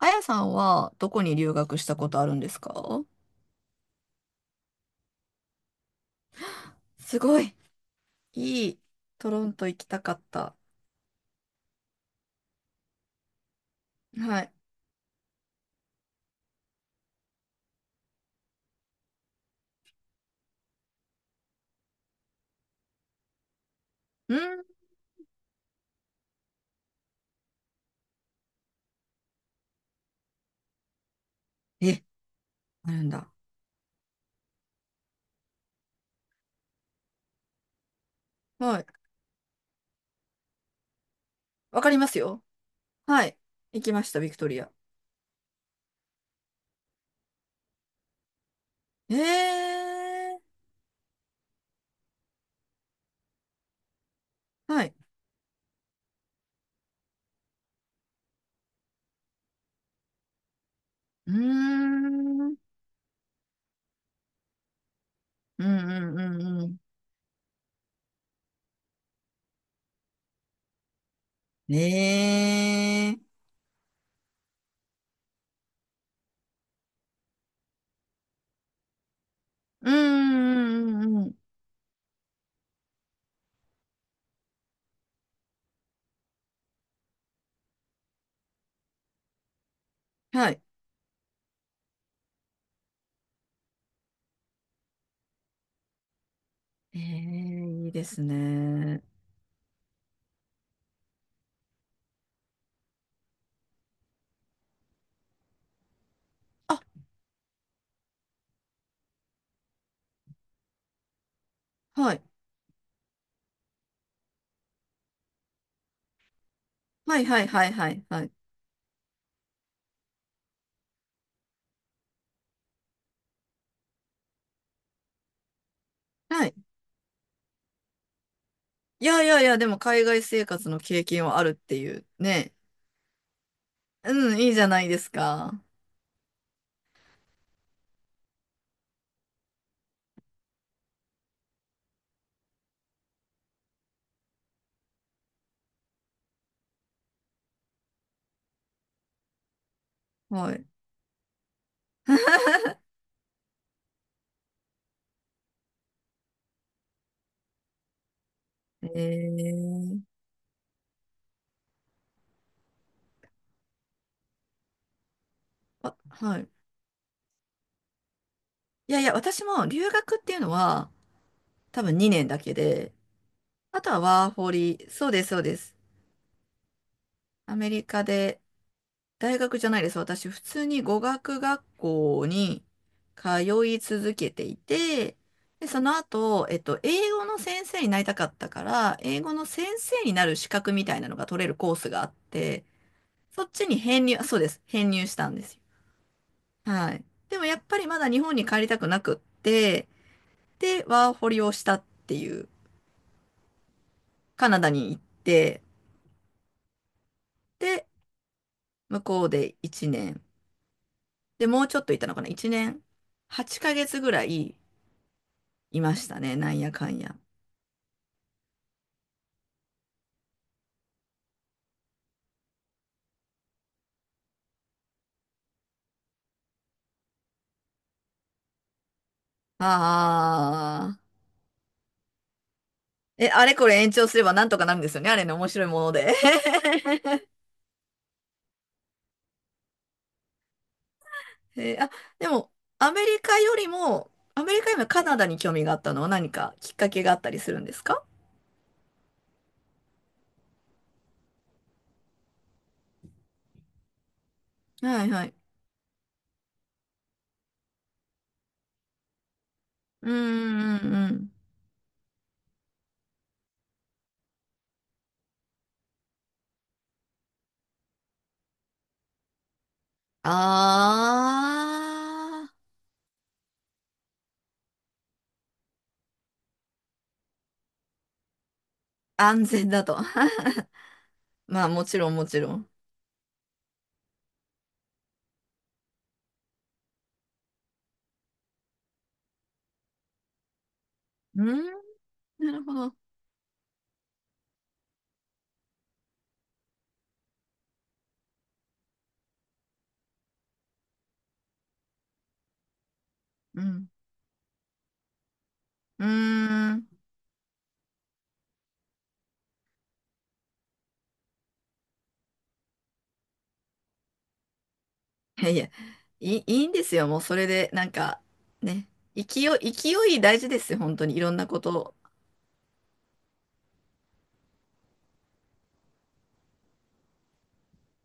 あやさんはどこに留学したことあるんですか？すごい、いい、トロント行きたかった。はい。うん。え、あるんだ。はい。わかりますよ。はい。行きました、ビクトリア。えー。はい。うーん。うんうんうんうん。えー。うん、うん、うんうん。はい。えー、いいですね。あ、はい。はい、はい、はい、はい、はい。はい、いやいやいや、でも海外生活の経験はあるっていうね。うん、いいじゃないですか。はい。えー、あ、はい。いやいや、私も留学っていうのは多分2年だけで、あとはワーホリ、そうです、そうです。アメリカで、大学じゃないです。私、普通に語学学校に通い続けていて、で、その後、英語の先生になりたかったから、英語の先生になる資格みたいなのが取れるコースがあって、そっちに編入、そうです。編入したんですよ。はい。でもやっぱりまだ日本に帰りたくなくって、で、ワーホリをしたっていう、カナダに行って、で、向こうで1年、で、もうちょっといたのかな？ 1 年8ヶ月ぐらいいましたね。なんやかんや。ああ。え、あれこれ延長すればなんとかなるんですよね。あれの面白いもので。あ、でも、アメリカよりも、アメリカよりもカナダに興味があったのは何かきっかけがあったりするんですか？はいはい。うーん、うん、うん。ああ、安全だと。まあ、もちろん、もちろん。うん、なるほど。うん。うーん。いやいや、いい、いいんですよ。もうそれで、なんか、ね。勢い、勢い大事ですよ。本当に。いろんなこと。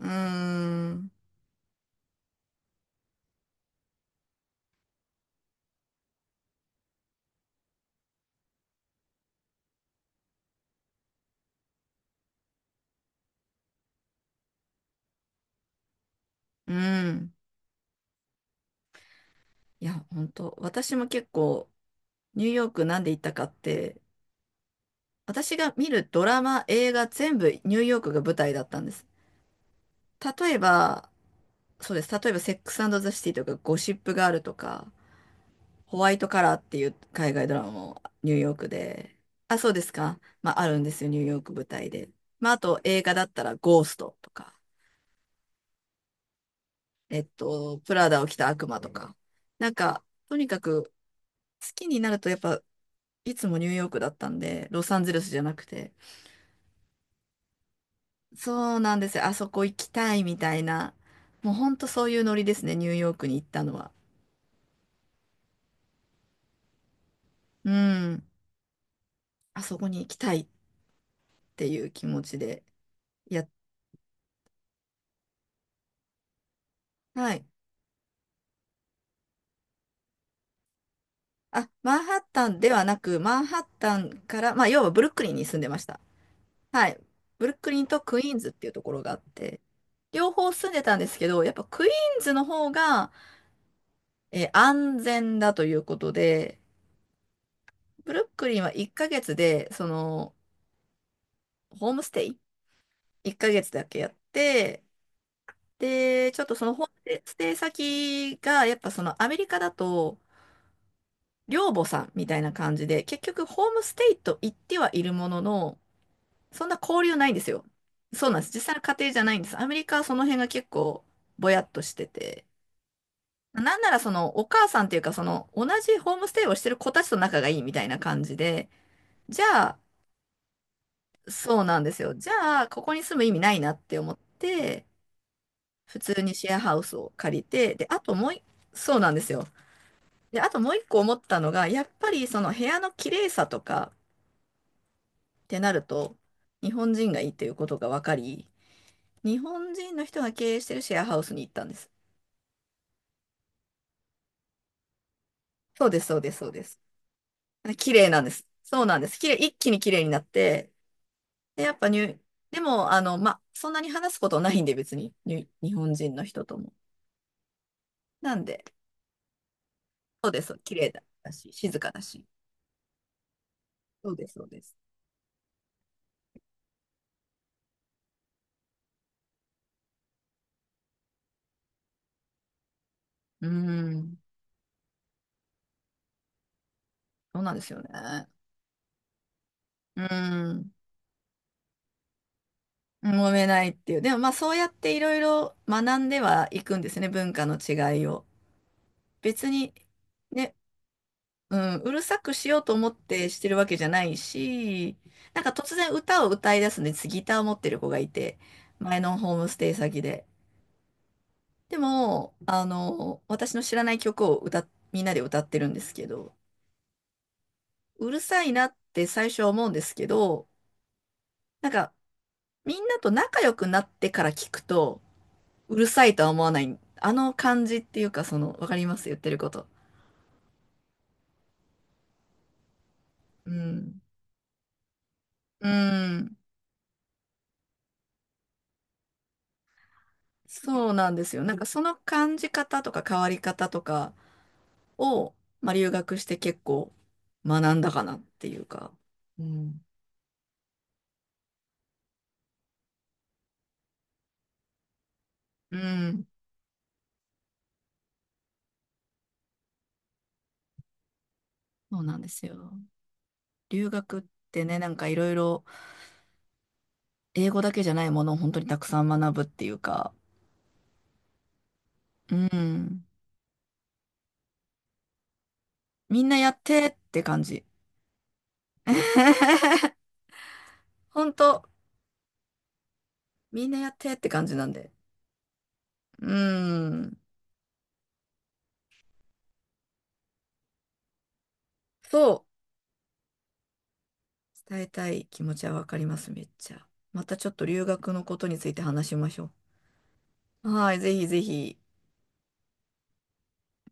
うーん。うん。いや、本当。私も結構、ニューヨークなんで行ったかって、私が見るドラマ、映画、全部ニューヨークが舞台だったんです。例えば、そうです。例えば、セックスザ・シティとか、ゴシップガールとか、ホワイトカラーっていう海外ドラマもニューヨークで、あ、そうですか。まあ、あるんですよ、ニューヨーク舞台で。まあ、あと映画だったらゴーストとか、プラダを着た悪魔とか。なんか、とにかく好きになるとやっぱ、いつもニューヨークだったんで、ロサンゼルスじゃなくて。そうなんですよ、あそこ行きたいみたいな。もうほんとそういうノリですね、ニューヨークに行ったのは。うん、あそこに行きたいっていう気持ちで。やはい、あ、マンハッタンではなく、マンハッタンから、まあ、要はブルックリンに住んでました。はい。ブルックリンとクイーンズっていうところがあって、両方住んでたんですけど、やっぱクイーンズの方が、安全だということで、ブルックリンは1ヶ月で、ホームステイ？ 1 ヶ月だけやって、で、ちょっとそのホームステイ先が、やっぱそのアメリカだと、寮母さんみたいな感じで、結局ホームステイと言ってはいるものの、そんな交流ないんですよ。そうなんです。実際の家庭じゃないんです。アメリカはその辺が結構ぼやっとしてて。なんならそのお母さんっていうかその同じホームステイをしてる子たちと仲がいいみたいな感じで、じゃあ、そうなんですよ。じゃあ、ここに住む意味ないなって思って、普通にシェアハウスを借りて、で、あともう。そうなんですよ。で、あともう一個思ったのが、やっぱりその部屋の綺麗さとかってなると、日本人がいいっていうことが分かり、日本人の人が経営してるシェアハウスに行ったんです。そうです、そうです、そうです。綺麗なんです。そうなんです。綺麗、一気に綺麗になって、で、やっぱニューでも、まあ、そんなに話すことないんで、別に、に日本人の人とも。なんで、そうです、綺麗だし、静かだし。そうです、そうです。うーん、そうなんですよね。うーん、揉めないっていう。でも、まあ、そうやっていろいろ学んではいくんですね、文化の違いを。別に、ね、うん、うるさくしようと思ってしてるわけじゃないし、なんか突然歌を歌い出すんです、ギターを持ってる子がいて、前のホームステイ先で。でも、私の知らない曲をみんなで歌ってるんですけど、うるさいなって最初は思うんですけど、なんかみんなと仲良くなってから聞くと、うるさいとは思わない、あの感じっていうか、わかります言ってること。うん。うん。そうなんですよ。なんかその感じ方とか変わり方とか、を、まあ、留学して結構学んだかなっていうか、うん。うん、そうなんですよ。留学ってね、なんかいろいろ英語だけじゃないものを本当にたくさん学ぶっていうか、うん、みんなやってって感じ。本当、みんなやってって感じなんで。うん、そう、伝えたい気持ちはわかります、めっちゃ。またちょっと留学のことについて話しましょう。はい、ぜひぜひ。